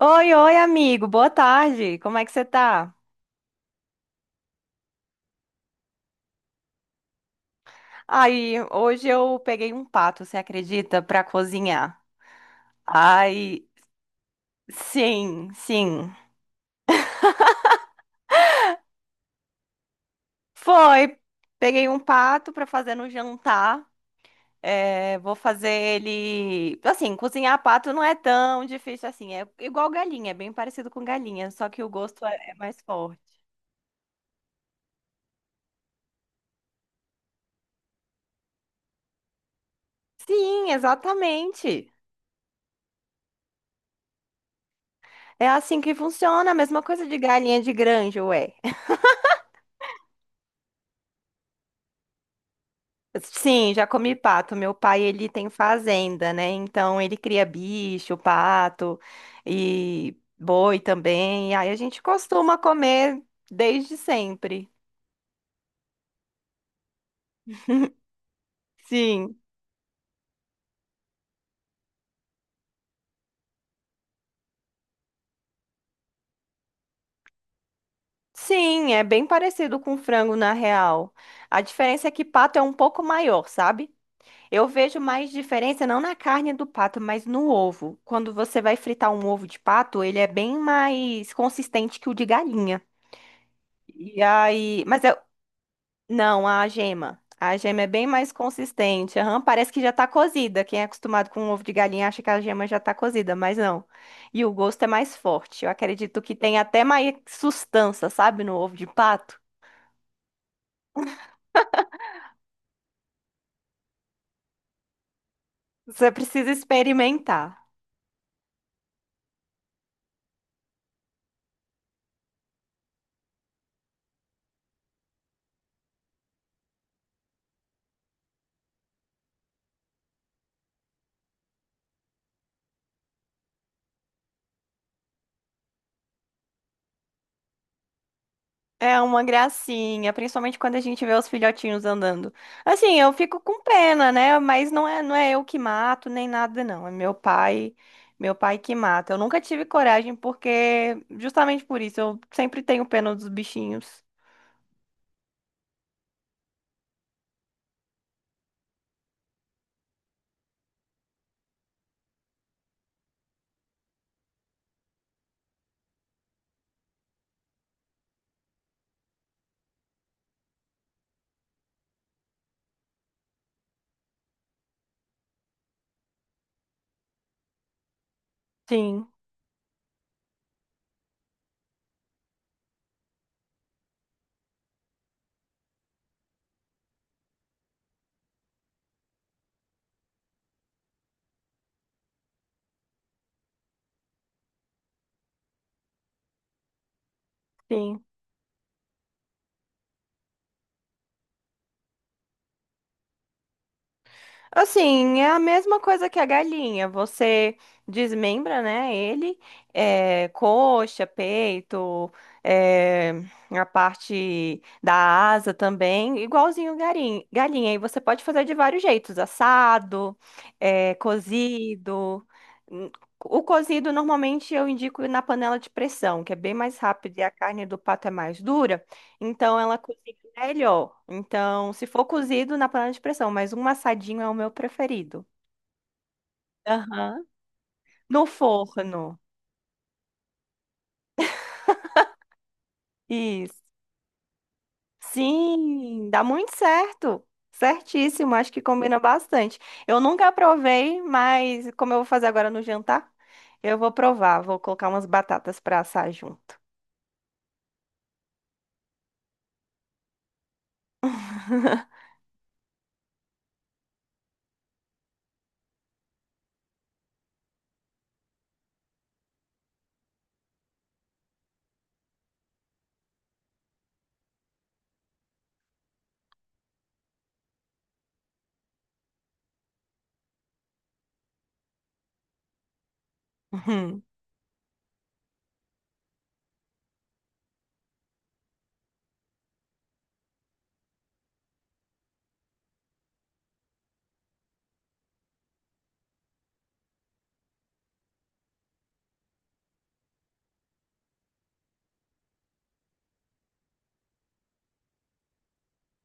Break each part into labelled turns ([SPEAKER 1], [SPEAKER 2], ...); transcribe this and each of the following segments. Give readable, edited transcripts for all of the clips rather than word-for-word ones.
[SPEAKER 1] Oi, oi, amigo. Boa tarde. Como é que você tá? Aí, hoje eu peguei um pato, você acredita, pra cozinhar. Ai, sim, sim. Foi. Peguei um pato pra fazer no jantar. É, vou fazer ele. Assim, cozinhar pato não é tão difícil assim. É igual galinha, é bem parecido com galinha, só que o gosto é mais forte. Sim, exatamente. É assim que funciona, a mesma coisa de galinha de granja, ué. Sim, já comi pato. Meu pai, ele tem fazenda, né? Então ele cria bicho, pato e boi também. E aí a gente costuma comer desde sempre. Sim. Sim, é bem parecido com frango na real. A diferença é que pato é um pouco maior, sabe? Eu vejo mais diferença não na carne do pato, mas no ovo. Quando você vai fritar um ovo de pato, ele é bem mais consistente que o de galinha. E aí, mas é- Não, a gema. A gema é bem mais consistente. Aham, parece que já tá cozida. Quem é acostumado com ovo de galinha acha que a gema já tá cozida, mas não. E o gosto é mais forte. Eu acredito que tem até mais sustância, sabe, no ovo de pato. Você precisa experimentar. É uma gracinha, principalmente quando a gente vê os filhotinhos andando. Assim, eu fico com pena, né? Mas não é eu que mato nem nada, não. É meu pai que mata. Eu nunca tive coragem porque, justamente por isso, eu sempre tenho pena dos bichinhos. Sim, sim. Assim, é a mesma coisa que a galinha. Você desmembra, né, ele, coxa, peito, é, a parte da asa também, igualzinho galinha. E você pode fazer de vários jeitos, assado, cozido. Hum, O cozido normalmente eu indico na panela de pressão, que é bem mais rápido e a carne do pato é mais dura. Então ela cozinha melhor. Então, se for cozido na panela de pressão, mas um assadinho é o meu preferido. Aham. No forno. Isso. Sim, dá muito certo. Certíssimo, acho que combina bastante. Eu nunca provei, mas como eu vou fazer agora no jantar, eu vou provar. Vou colocar umas batatas para assar junto.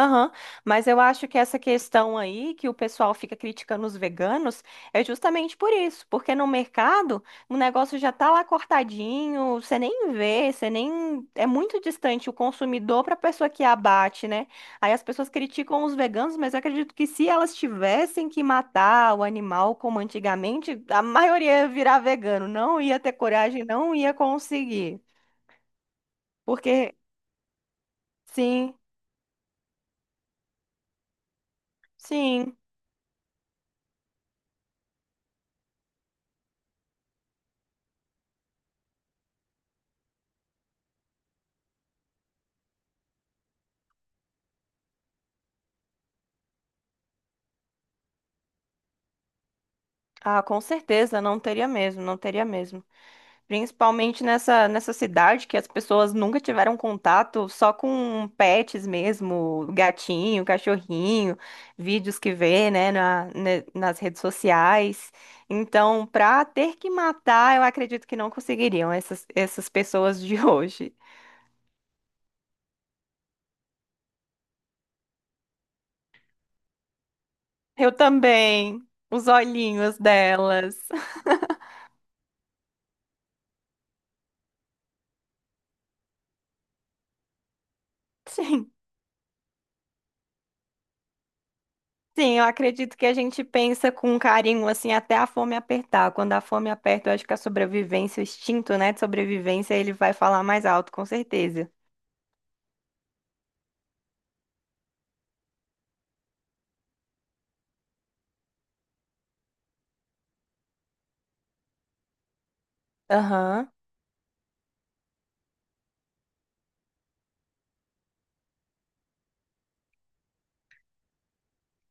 [SPEAKER 1] Aham. Mas eu acho que essa questão aí que o pessoal fica criticando os veganos é justamente por isso, porque no mercado o negócio já tá lá cortadinho, você nem vê, você nem. É muito distante o consumidor para a pessoa que abate, né? Aí as pessoas criticam os veganos, mas eu acredito que se elas tivessem que matar o animal como antigamente, a maioria ia virar vegano, não ia ter coragem, não ia conseguir. Porque, sim, sim. Ah, com certeza, não teria mesmo, não teria mesmo. Principalmente nessa cidade que as pessoas nunca tiveram contato só com pets mesmo, gatinho, cachorrinho, vídeos que vê, né, nas redes sociais. Então, pra ter que matar, eu acredito que não conseguiriam essas pessoas de hoje. Eu também, os olhinhos delas. Gente. Sim, eu acredito que a gente pensa com carinho, assim, até a fome apertar. Quando a fome aperta, eu acho que a sobrevivência, o instinto, né, de sobrevivência, ele vai falar mais alto, com certeza. Aham.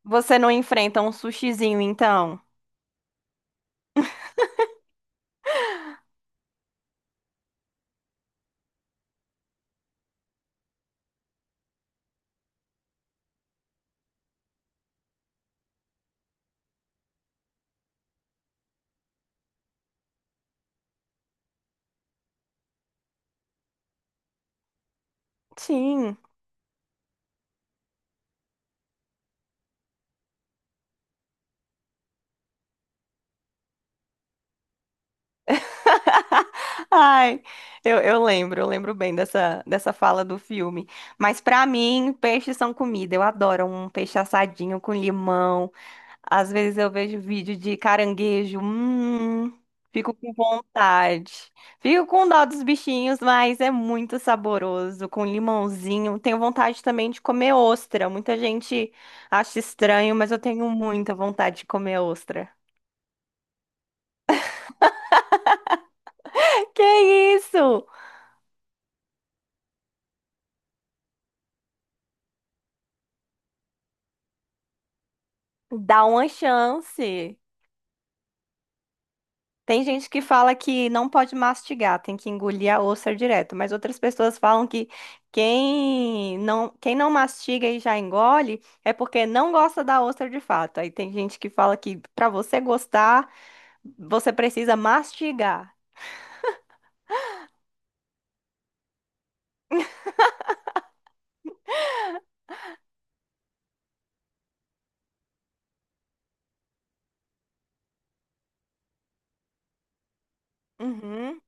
[SPEAKER 1] Você não enfrenta um sushizinho, então? Sim. Ai, eu lembro bem dessa fala do filme. Mas pra mim, peixes são comida. Eu adoro um peixe assadinho com limão. Às vezes eu vejo vídeo de caranguejo, fico com vontade. Fico com dó dos bichinhos, mas é muito saboroso, com limãozinho. Tenho vontade também de comer ostra. Muita gente acha estranho, mas eu tenho muita vontade de comer ostra. Que isso? Dá uma chance. Tem gente que fala que não pode mastigar, tem que engolir a ostra direto, mas outras pessoas falam que quem não mastiga e já engole é porque não gosta da ostra de fato. Aí tem gente que fala que para você gostar, você precisa mastigar. Uhum.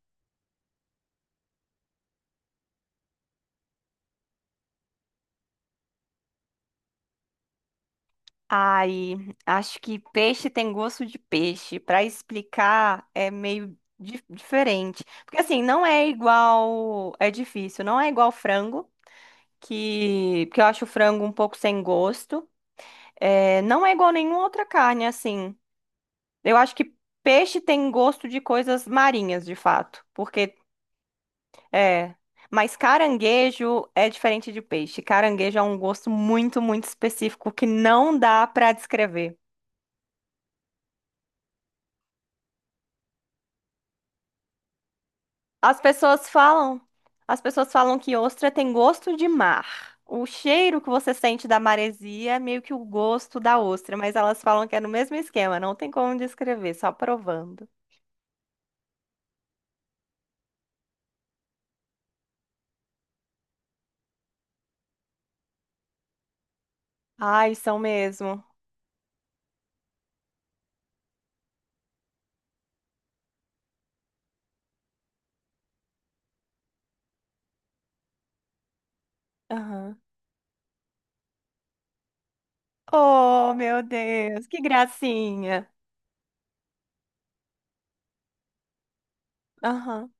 [SPEAKER 1] Ai, acho que peixe tem gosto de peixe. Para explicar é meio diferente. Porque assim, não é igual, é difícil, não é igual frango. Que eu acho o frango um pouco sem gosto. É, não é igual nenhuma outra carne, assim. Eu acho que peixe tem gosto de coisas marinhas, de fato. Porque é. Mas caranguejo é diferente de peixe. Caranguejo é um gosto muito, muito específico que não dá pra descrever. As pessoas falam, as pessoas falam que ostra tem gosto de mar. O cheiro que você sente da maresia é meio que o gosto da ostra, mas elas falam que é no mesmo esquema, não tem como descrever, só provando. Ai, são mesmo. Aham. Oh, meu Deus, que gracinha. Aham.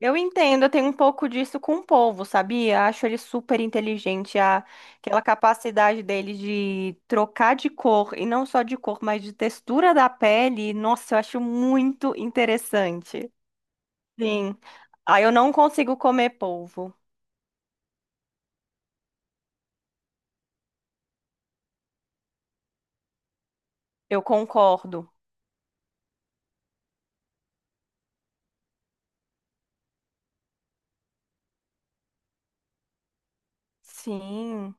[SPEAKER 1] Eu entendo, eu tenho um pouco disso com o povo, sabia? Acho ele super inteligente, aquela capacidade dele de trocar de cor, e não só de cor, mas de textura da pele. Nossa, eu acho muito interessante. Sim. Ah, eu não consigo comer polvo. Eu concordo. Sim.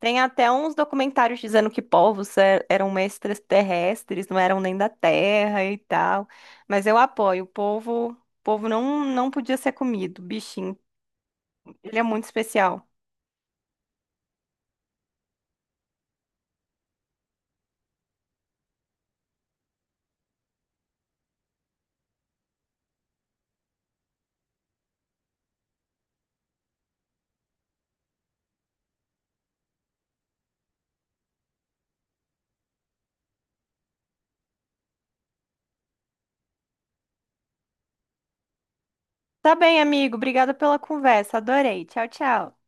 [SPEAKER 1] Tem até uns documentários dizendo que eram extraterrestres, não eram nem da Terra e tal. Mas eu apoio. O povo, não podia ser comido. Bichinho. Ele é muito especial. Tá bem, amigo. Obrigada pela conversa. Adorei. Tchau, tchau.